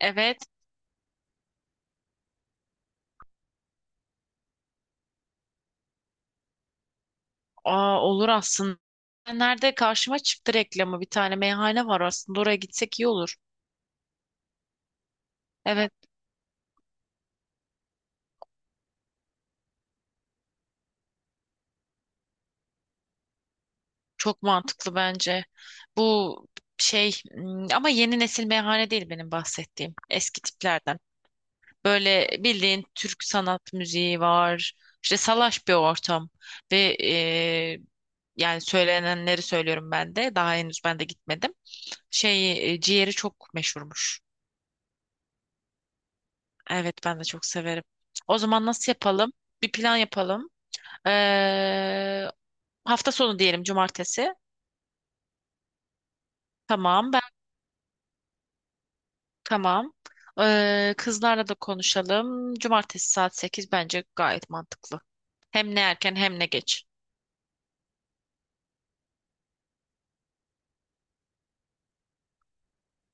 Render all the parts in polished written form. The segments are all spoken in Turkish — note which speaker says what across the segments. Speaker 1: Evet, olur aslında. Nerede karşıma çıktı reklamı bir tane meyhane var aslında oraya gitsek iyi olur. Evet, çok mantıklı bence. Bu ama yeni nesil meyhane değil benim bahsettiğim eski tiplerden. Böyle bildiğin Türk sanat müziği var. İşte salaş bir ortam ve e, yani söylenenleri söylüyorum ben de. Daha henüz ben de gitmedim. Ciğeri çok meşhurmuş. Evet, ben de çok severim. O zaman nasıl yapalım? Bir plan yapalım. Ee, Hafta sonu diyelim cumartesi. Tamam ben tamam. Kızlarla da konuşalım. Cumartesi saat 8 bence gayet mantıklı. Hem ne erken hem ne geç.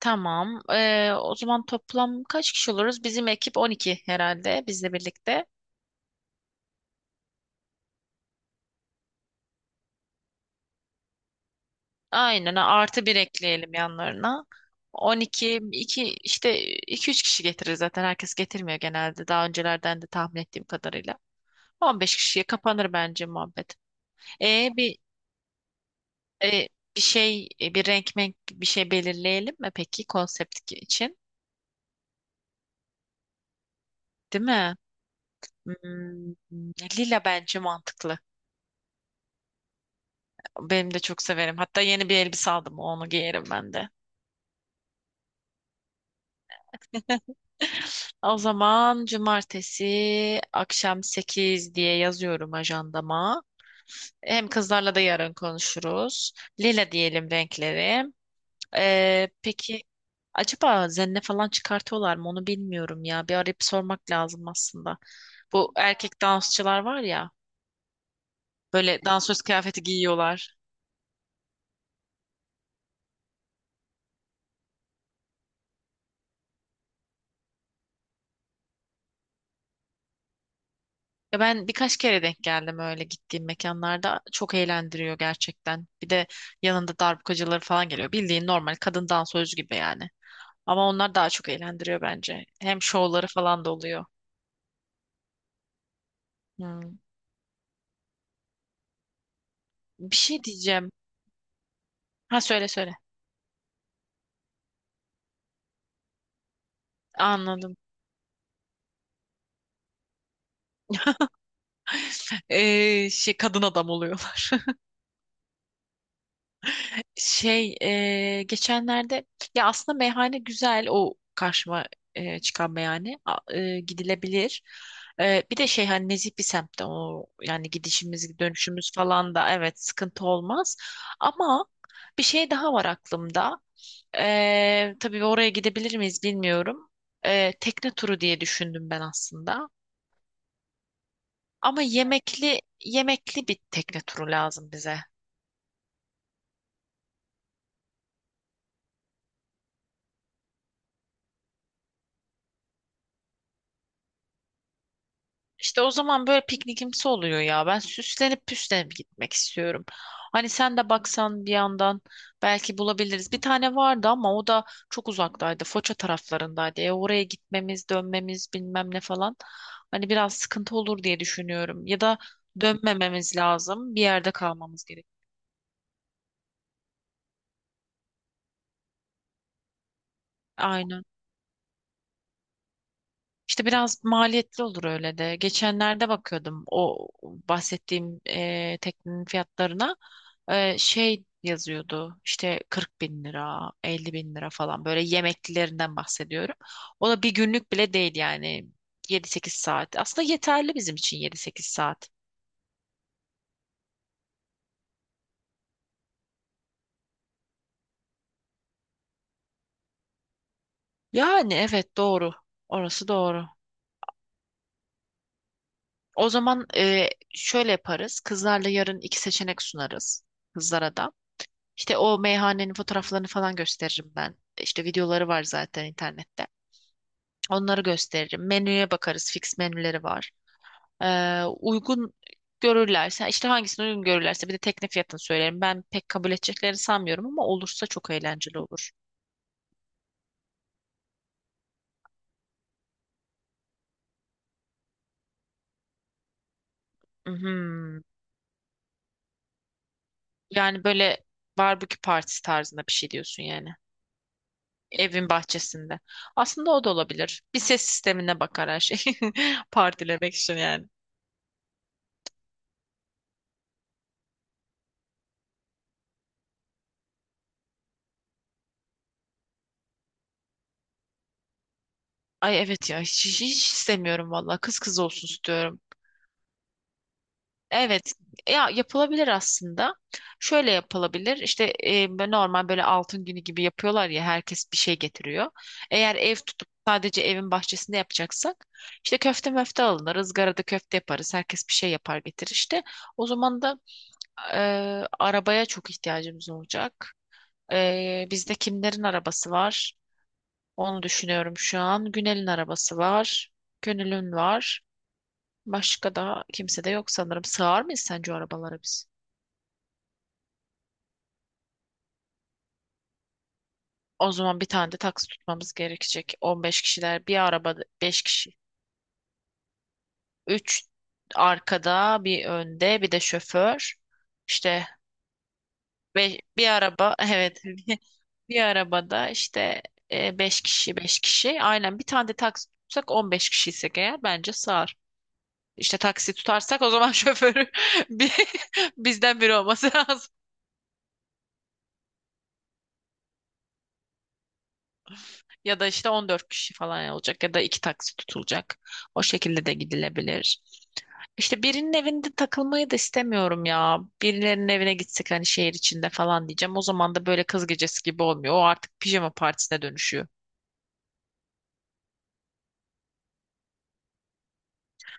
Speaker 1: Tamam. O zaman toplam kaç kişi oluruz? Bizim ekip 12 herhalde bizle birlikte. Aynen artı bir ekleyelim yanlarına. On iki 2 işte iki üç kişi getirir zaten. Herkes getirmiyor genelde. Daha öncelerden de tahmin ettiğim kadarıyla. 15 kişiye kapanır bence muhabbet. E bir e, Bir renk menk bir şey belirleyelim mi peki konsept için? Değil mi? Hmm, lila bence mantıklı. Benim de çok severim. Hatta yeni bir elbise aldım. Onu giyerim ben de. O zaman cumartesi akşam 8 diye yazıyorum ajandama. Hem kızlarla da yarın konuşuruz. Lila diyelim renkleri. Peki acaba zenne falan çıkartıyorlar mı onu bilmiyorum ya. Bir arayıp sormak lazım aslında. Bu erkek dansçılar var ya böyle dansöz kıyafeti giyiyorlar. Ya ben birkaç kere denk geldim öyle gittiğim mekanlarda. Çok eğlendiriyor gerçekten. Bir de yanında darbukacıları falan geliyor. Bildiğin normal kadın dansöz gibi yani. Ama onlar daha çok eğlendiriyor bence. Hem şovları falan da oluyor. Hmm. Bir şey diyeceğim. Ha söyle söyle. Anladım. Kadın adam oluyorlar. Şey Geçenlerde ya aslında meyhane güzel o karşıma çıkan meyhane gidilebilir. Bir de hani nezih bir semtte o yani gidişimiz dönüşümüz falan da evet sıkıntı olmaz. Ama bir şey daha var aklımda. Tabii oraya gidebilir miyiz bilmiyorum. Tekne turu diye düşündüm ben aslında. Ama yemekli yemekli bir tekne turu lazım bize. İşte o zaman böyle piknikimsi oluyor ya. Ben süslenip püslenip gitmek istiyorum. Hani sen de baksan bir yandan belki bulabiliriz. Bir tane vardı ama o da çok uzaktaydı. Foça taraflarındaydı. Oraya gitmemiz, dönmemiz bilmem ne falan. Hani biraz sıkıntı olur diye düşünüyorum. Ya da dönmememiz lazım. Bir yerde kalmamız gerek. Aynen. İşte biraz maliyetli olur öyle de. Geçenlerde bakıyordum o bahsettiğim teknenin fiyatlarına. Yazıyordu işte 40 bin lira, 50 bin lira falan böyle yemeklilerinden bahsediyorum. O da bir günlük bile değil yani 7-8 saat. Aslında yeterli bizim için 7-8 saat. Yani evet doğru. Orası doğru. O zaman şöyle yaparız. Kızlarla yarın iki seçenek sunarız kızlara da. İşte o meyhanenin fotoğraflarını falan gösteririm ben. İşte videoları var zaten internette. Onları gösteririm. Menüye bakarız. Fix menüleri var. Uygun görürlerse işte hangisini uygun görürlerse bir de tekne fiyatını söylerim. Ben pek kabul edeceklerini sanmıyorum ama olursa çok eğlenceli olur. Mhm. Yani böyle barbekü partisi tarzında bir şey diyorsun yani. Evin bahçesinde. Aslında o da olabilir. Bir ses sistemine bakar her şey. Partilemek için yani. Ay, evet ya, hiç, hiç istemiyorum valla kız kız olsun istiyorum. Evet ya, yapılabilir aslında. Şöyle yapılabilir işte böyle normal böyle altın günü gibi yapıyorlar ya herkes bir şey getiriyor. Eğer ev tutup sadece evin bahçesinde yapacaksak işte köfte möfte alınır ızgarada köfte yaparız herkes bir şey yapar getirir işte. O zaman da e, arabaya çok ihtiyacımız olacak. Bizde kimlerin arabası var? Onu düşünüyorum şu an. Günel'in arabası var. Gönül'ün var. Başka da kimse de yok sanırım. Sığar mıyız sence o arabalara biz? O zaman bir tane de taksi tutmamız gerekecek. 15 kişiler bir arabada 5 kişi. Üç arkada bir önde bir de şoför. İşte bir araba evet bir arabada işte 5 kişi 5 kişi. Aynen bir tane de taksi tutsak 15 kişiysek eğer bence sığar. İşte taksi tutarsak o zaman şoförü bir, bizden biri olması lazım. Ya da işte 14 kişi falan olacak ya da iki taksi tutulacak. O şekilde de gidilebilir. İşte birinin evinde takılmayı da istemiyorum ya. Birilerinin evine gitsek hani şehir içinde falan diyeceğim. O zaman da böyle kız gecesi gibi olmuyor. O artık pijama partisine dönüşüyor.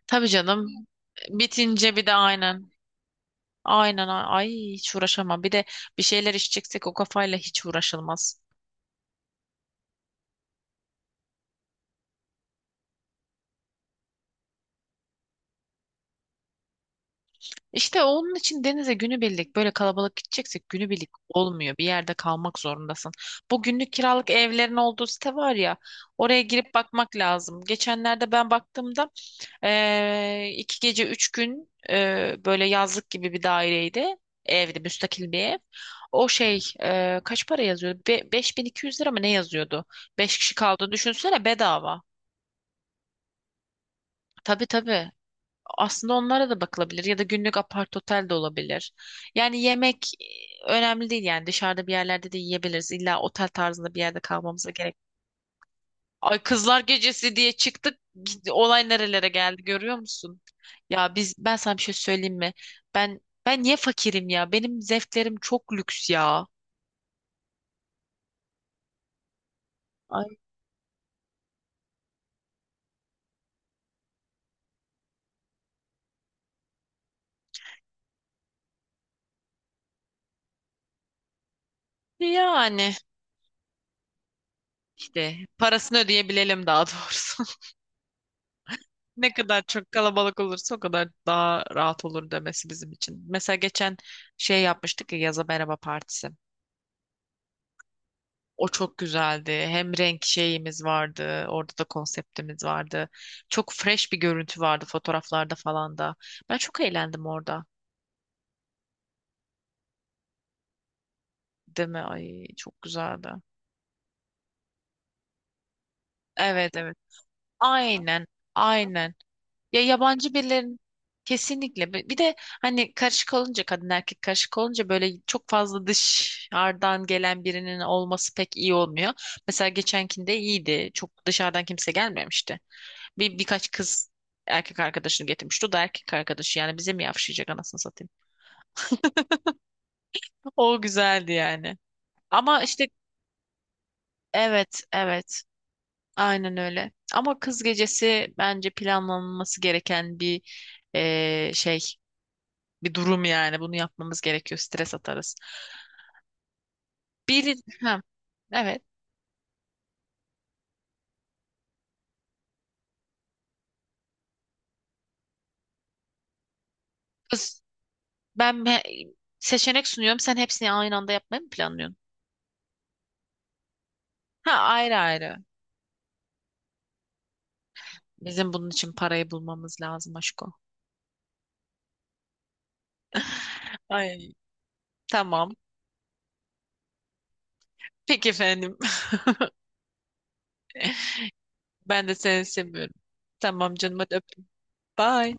Speaker 1: Tabii canım. Bitince bir de aynen. Aynen ay hiç uğraşamam. Bir de bir şeyler içeceksek o kafayla hiç uğraşılmaz. İşte onun için denize günübirlik böyle kalabalık gideceksek günübirlik olmuyor. Bir yerde kalmak zorundasın. Bu günlük kiralık evlerin olduğu site var ya oraya girip bakmak lazım. Geçenlerde ben baktığımda iki gece üç gün böyle yazlık gibi bir daireydi. Evdi müstakil bir ev. O kaç para yazıyordu? 5.200 lira mı ne yazıyordu? Beş kişi kaldığını düşünsene bedava. Tabii tabii. Aslında onlara da bakılabilir ya da günlük apart otel de olabilir. Yani yemek önemli değil yani dışarıda bir yerlerde de yiyebiliriz. İlla otel tarzında bir yerde kalmamıza gerek. Ay kızlar gecesi diye çıktık. Olay nerelere geldi görüyor musun? Ya ben sana bir şey söyleyeyim mi? Ben niye fakirim ya? Benim zevklerim çok lüks ya. Ay yani işte parasını ödeyebilelim daha doğrusu. Ne kadar çok kalabalık olursa o kadar daha rahat olur demesi bizim için. Mesela geçen yapmıştık ya yaza merhaba partisi. O çok güzeldi. Hem renk şeyimiz vardı. Orada da konseptimiz vardı. Çok fresh bir görüntü vardı fotoğraflarda falan da. Ben çok eğlendim orada. Değil mi? Ay çok güzeldi. Evet, evet. Aynen. Aynen. Ya yabancı birilerin kesinlikle bir de hani karışık olunca kadın erkek karışık olunca böyle çok fazla dışarıdan gelen birinin olması pek iyi olmuyor. Mesela geçenkinde iyiydi. Çok dışarıdan kimse gelmemişti. Birkaç kız erkek arkadaşını getirmişti. O da erkek arkadaşı yani bize mi yavşayacak anasını satayım. O güzeldi yani. Ama işte evet, evet, aynen öyle. Ama kız gecesi bence planlanması gereken eee, şey bir durum yani. Bunu yapmamız gerekiyor. Stres atarız. Bir, ha, evet. Kız, ben seçenek sunuyorum. Sen hepsini aynı anda yapmayı mı planlıyorsun? Ha ayrı ayrı. Bizim bunun için parayı bulmamız lazım aşko. Ay tamam. Peki efendim. Ben de seni seviyorum. Tamam canım hadi öptüm. Bye.